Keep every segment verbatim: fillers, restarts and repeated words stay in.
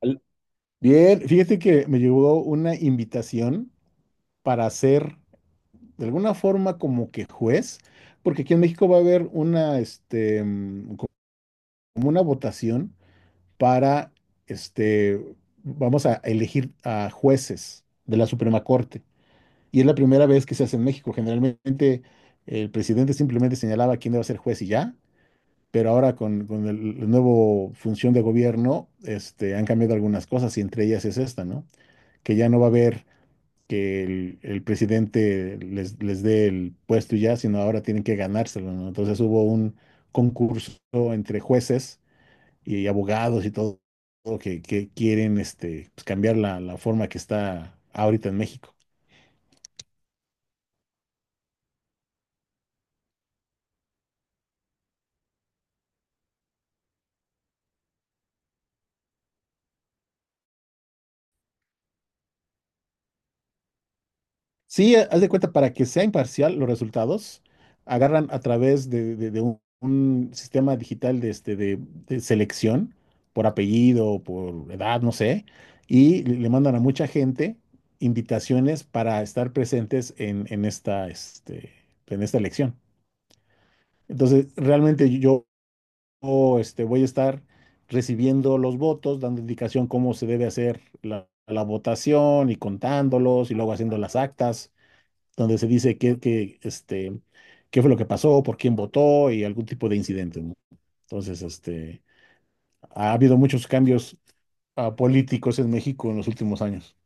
Al- Bien, fíjate que me llegó una invitación para ser de alguna forma como que juez, porque aquí en México va a haber una, este, mm, co- como una votación para, este, vamos a elegir a jueces de la Suprema Corte. Y es la primera vez que se hace en México. Generalmente el presidente simplemente señalaba quién iba a ser juez y ya, pero ahora con, con el, la nueva función de gobierno, este, han cambiado algunas cosas y entre ellas es esta, ¿no? Que ya no va a haber que el, el presidente les, les dé el puesto y ya, sino ahora tienen que ganárselo, ¿no? Entonces hubo un concurso entre jueces y abogados y todo, todo que, que quieren este, pues, cambiar la, la forma que está ahorita en México. Sí, haz de cuenta, para que sea imparcial los resultados, agarran a través de, de- de un, un sistema digital de, este, de, de selección por apellido, por edad, no sé, y le le mandan a mucha gente invitaciones para estar presentes en, en esta, este, en esta elección. Entonces, realmente yo yo, este, voy a estar recibiendo los votos, dando indicación cómo se debe hacer la la votación y contándolos y luego haciendo las actas donde se dice qué, qué, este, qué fue lo que pasó, por quién votó y algún tipo de incidente, ¿no? Entonces, este, ha habido muchos cambios ah, políticos en México en los últimos años.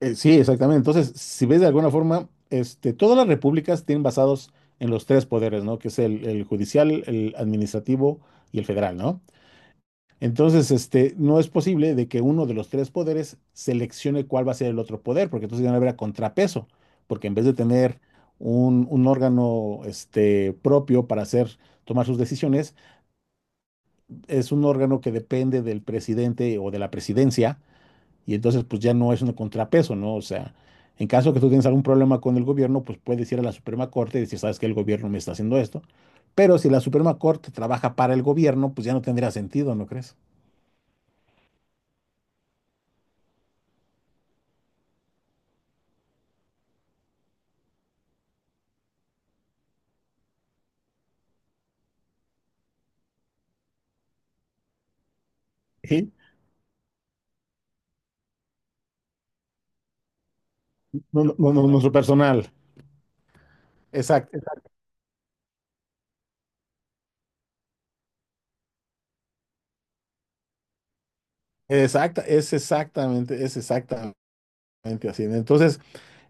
Eh, sí, exactamente. Entonces, si ves de alguna forma, este, todas las repúblicas tienen basados en los tres poderes, ¿no? Que es el, el judicial, el administrativo y el federal, ¿no? Entonces, este, no es posible de que uno de los tres poderes seleccione cuál va a ser el otro poder, porque entonces ya no habrá contrapeso, porque en vez de tener un, un órgano, este, propio para hacer, tomar sus decisiones, es un órgano que depende del presidente o de la presidencia, y entonces pues ya no es un contrapeso, ¿no? O sea, en caso que tú tienes algún problema con el gobierno, pues puedes ir a la Suprema Corte y decir, sabes que el gobierno me está haciendo esto, pero si la Suprema Corte trabaja para el gobierno, pues ya no tendría sentido, ¿no crees? Sí. No, no, no, no, nuestro personal. Exacto, exacta, es exactamente, es exactamente así. Entonces,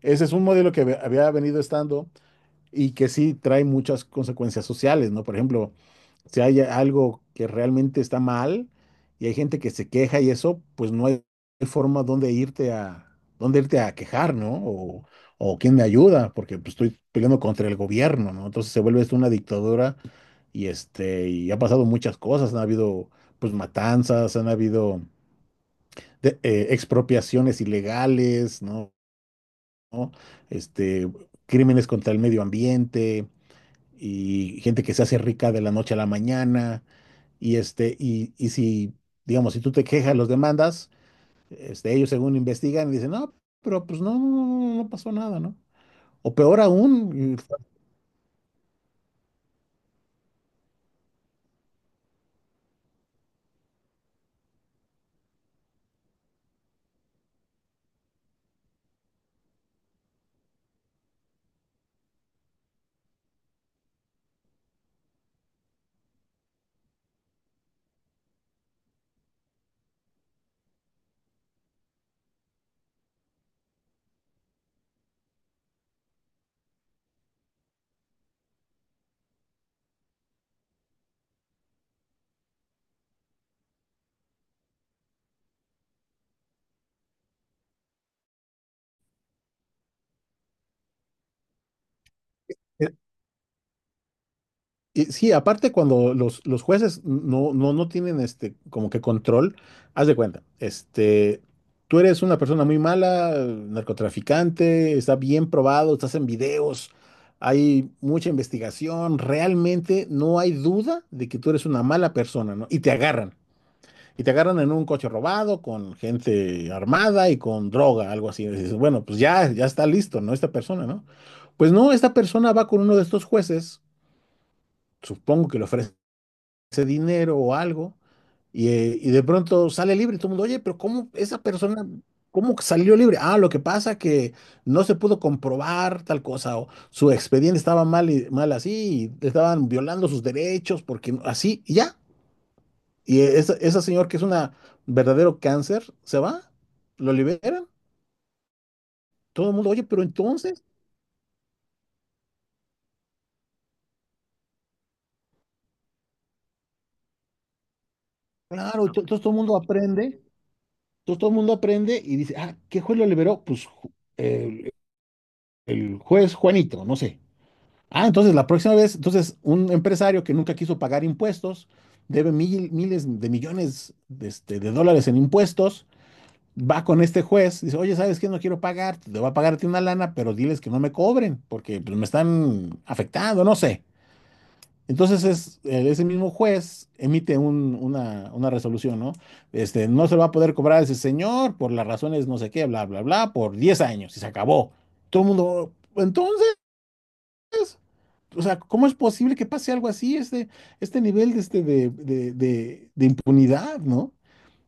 ese es un modelo que había venido estando, y que sí trae muchas consecuencias sociales, ¿no? Por ejemplo, si hay algo que realmente está mal y hay gente que se queja y eso, pues no hay forma donde irte a, donde irte a quejar, ¿no? O, o quién me ayuda, porque pues, estoy peleando contra el gobierno, ¿no? Entonces se vuelve esto una dictadura y este, y ha pasado muchas cosas, han habido pues matanzas, han habido de- eh, expropiaciones ilegales, ¿no? ¿no? Este, crímenes contra el medio ambiente, y gente que se hace rica de la noche a la mañana, y este, y, y si, digamos, si tú te quejas, los demandas, este, ellos según investigan y dicen, no, pero pues no, no, no, no no, no, no pasó nada, ¿no? O peor aún. Y sí, aparte cuando los, los jueces no, no, no tienen este como que control, haz de cuenta, este, tú eres una persona muy mala, narcotraficante, está bien probado, estás en videos, hay mucha investigación, realmente no hay duda de que tú eres una mala persona, ¿no? Y te agarran, y te agarran en un coche robado con gente armada y con droga, algo así. Y dices, bueno, pues ya, ya está listo, ¿no? Esta persona, ¿no? Pues no, esta persona va con uno de estos jueces, supongo que le ofrece ese dinero o algo, y, eh, y de pronto sale libre y todo el mundo, oye, pero ¿cómo esa persona, cómo que salió libre? Ah, lo que pasa que no se pudo comprobar tal cosa, o su expediente estaba mal, y, mal así, y le estaban violando sus derechos, porque no- así, y ya. Y e, esa, esa señora que es una verdadero cáncer, se va, lo liberan, todo el mundo, oye, pero entonces, claro, ento- entonces todo el mundo aprende, entonces todo el mundo aprende y dice, ah, ¿qué juez lo liberó? Pues ju- el el juez Juanito, no sé. Ah, entonces la próxima vez, entonces un empresario que nunca quiso pagar impuestos, debe mil- miles de millones de, este, de dólares en impuestos, va con este juez, dice, oye, ¿sabes qué? No quiero pagar, te voy a pagarte una lana, pero diles que no me cobren, porque pues, me están afectando, no sé. Entonces es, eh, ese mismo juez emite un- una, una resolución, ¿no? Este, no se lo va a poder cobrar a ese señor por las razones no sé qué, bla, bla, bla, por diez años y se acabó. Todo el mundo, entonces. O sea, ¿cómo es posible que pase algo así, este, este nivel de, este, de, de- de- de impunidad, ¿no?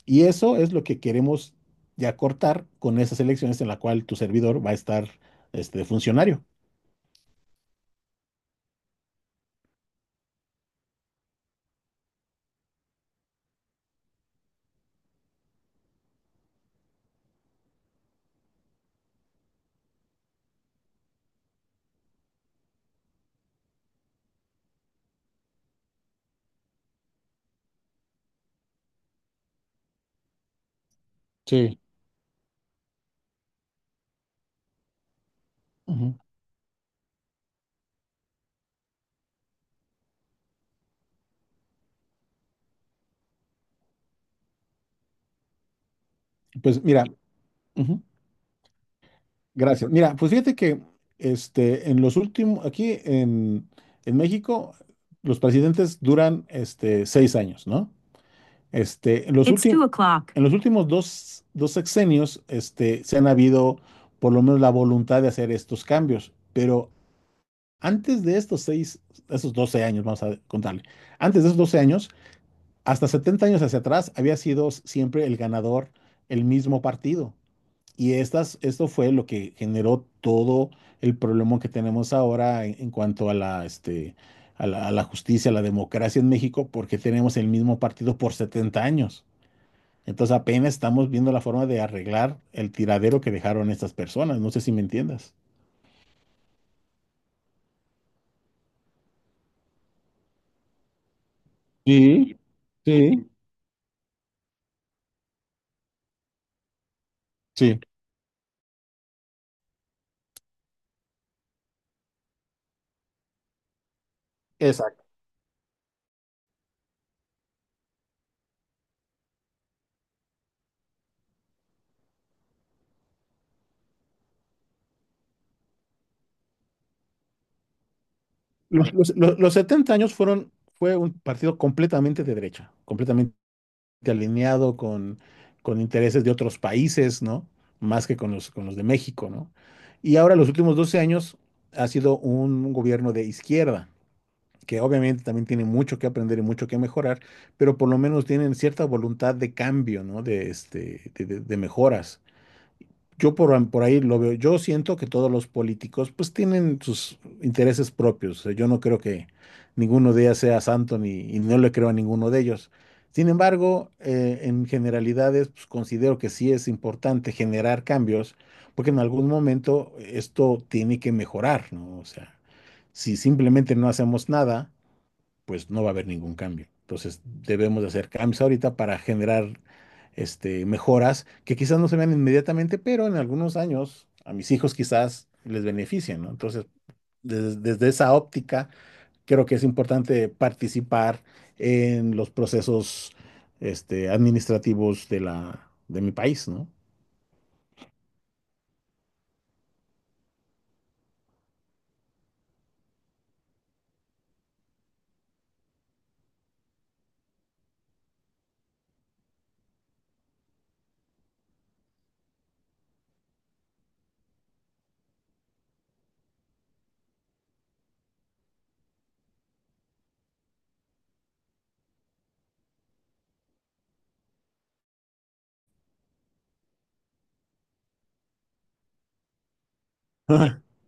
Y eso es lo que queremos ya cortar con esas elecciones en la cual tu servidor va a estar este, de funcionario. Sí. Ujú. Pues mira, ujú, gracias. Mira, pues fíjate que este, en los últimos, aquí en, en México, los presidentes duran este, seis años, ¿no? Este, en los It's últimos, two o'clock. En los últimos dos, dos sexenios, este, se han habido por lo menos la voluntad de hacer estos cambios, pero antes de estos seis, esos doce años, vamos a contarle, antes de esos doce años, hasta setenta años hacia atrás, había sido siempre el ganador el mismo partido. Y estas, esto fue lo que generó todo el problema que tenemos ahora en, en cuanto a la, este, a la, a la justicia, a la democracia en México, porque tenemos el mismo partido por setenta años. Entonces apenas estamos viendo la forma de arreglar el tiradero que dejaron estas personas. No sé si me entiendas. Sí, sí, sí. Exacto. Los, los- los- los setenta años fueron, fue un partido completamente de derecha, completamente alineado con, con intereses de otros países, ¿no? Más que con los, con los de México, ¿no? Y ahora los últimos doce años ha sido un gobierno de izquierda, que obviamente también tienen mucho que aprender y mucho que mejorar, pero por lo menos tienen cierta voluntad de cambio, ¿no? De, este, de, de, de mejoras. Yo por, por ahí lo veo, yo siento que todos los políticos pues tienen sus intereses propios. O sea, yo no creo que ninguno de ellos sea santo ni, y no le creo a ninguno de ellos. Sin embargo, eh, en generalidades pues, considero que sí es importante generar cambios porque en algún momento esto tiene que mejorar, ¿no? O sea, si simplemente no hacemos nada, pues no va a haber ningún cambio. Entonces debemos de hacer cambios ahorita para generar este, mejoras que quizás no se vean inmediatamente, pero en algunos años a mis hijos quizás les beneficien, ¿no? Entonces, des- desde esa óptica, creo que es importante participar en los procesos este, administrativos de la, de mi país, ¿no?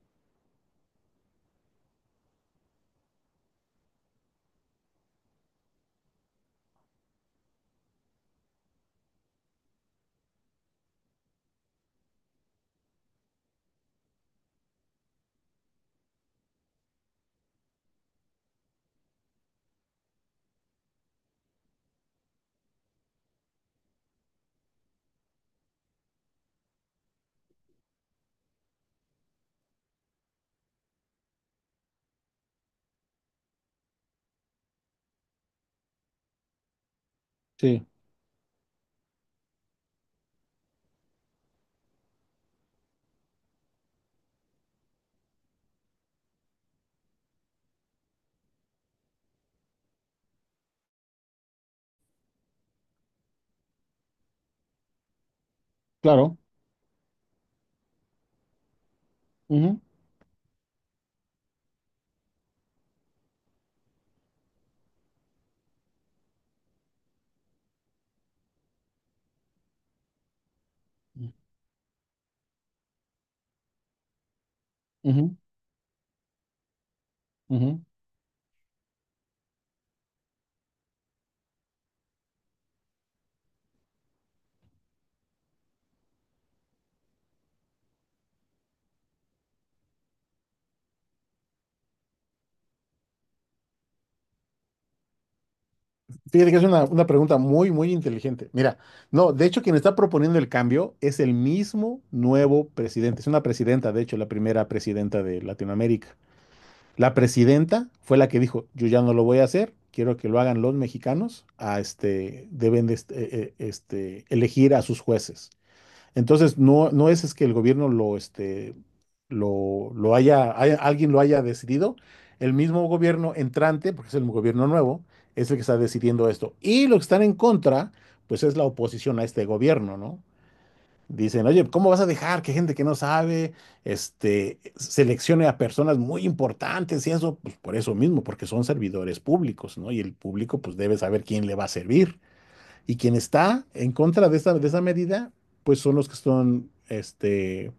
Sí, claro. Ujú, ujú, ujú. Fíjate que es una, una pregunta muy, muy inteligente. Mira, no, de hecho, quien está proponiendo el cambio es el mismo nuevo presidente. Es una presidenta, de hecho, la primera presidenta de Latinoamérica. La presidenta fue la que dijo, yo ya no lo voy a hacer, quiero que lo hagan los mexicanos, a este, deben de este, eh, eh, este, elegir a sus jueces. Entonces, no, no es, es que el gobierno lo, este, lo, lo haya, haya- alguien lo haya decidido. El mismo gobierno entrante, porque es el gobierno nuevo, es el que está decidiendo esto. Y los que están en contra, pues es la oposición a este gobierno, ¿no? Dicen, oye, ¿cómo vas a dejar que gente que no sabe, este, seleccione a personas muy importantes y eso? Pues por eso mismo, porque son servidores públicos, ¿no? Y el público, pues debe saber quién le va a servir. Y quien está en contra de esa, de esa medida, pues son los que son, este,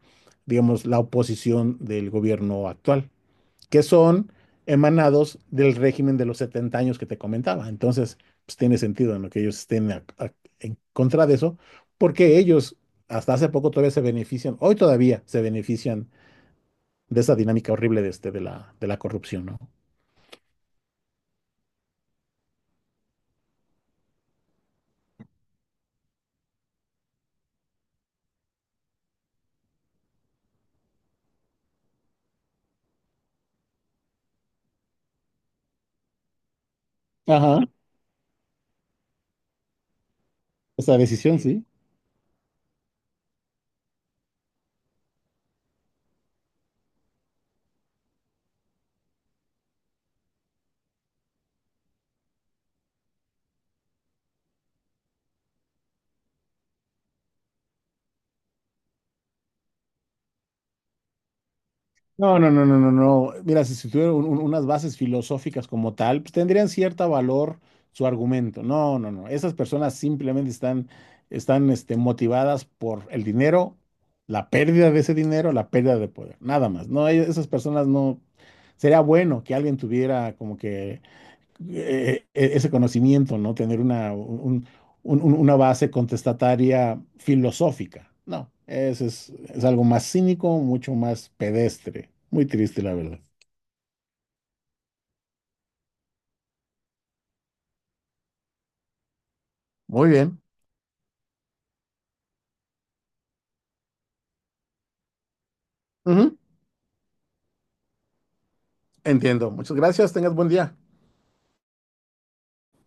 digamos, la oposición del gobierno actual, que son emanados del régimen de los setenta años que te comentaba. Entonces, pues tiene sentido en lo que ellos estén a- a- en contra de eso, porque ellos hasta hace poco todavía se benefician, hoy todavía se benefician de esa dinámica horrible de, este, de la, de la corrupción, ¿no? Ajá, esa decisión, sí. No, no, no, no, no, no. Mira, si, si tuviera un- un- unas bases filosóficas como tal, pues tendrían cierto valor su argumento. No, no, no. Esas personas simplemente están, están, este, motivadas por el dinero, la pérdida de ese dinero, la pérdida de poder. Nada más. No, e- esas personas no. Sería bueno que alguien tuviera como que eh, e- ese conocimiento, ¿no? Tener una, un- un- un- una base contestataria filosófica. No, eso es, es algo más cínico, mucho más pedestre. Muy triste, la verdad. Muy bien. Ujú. Entiendo. Muchas gracias. Tengas buen día.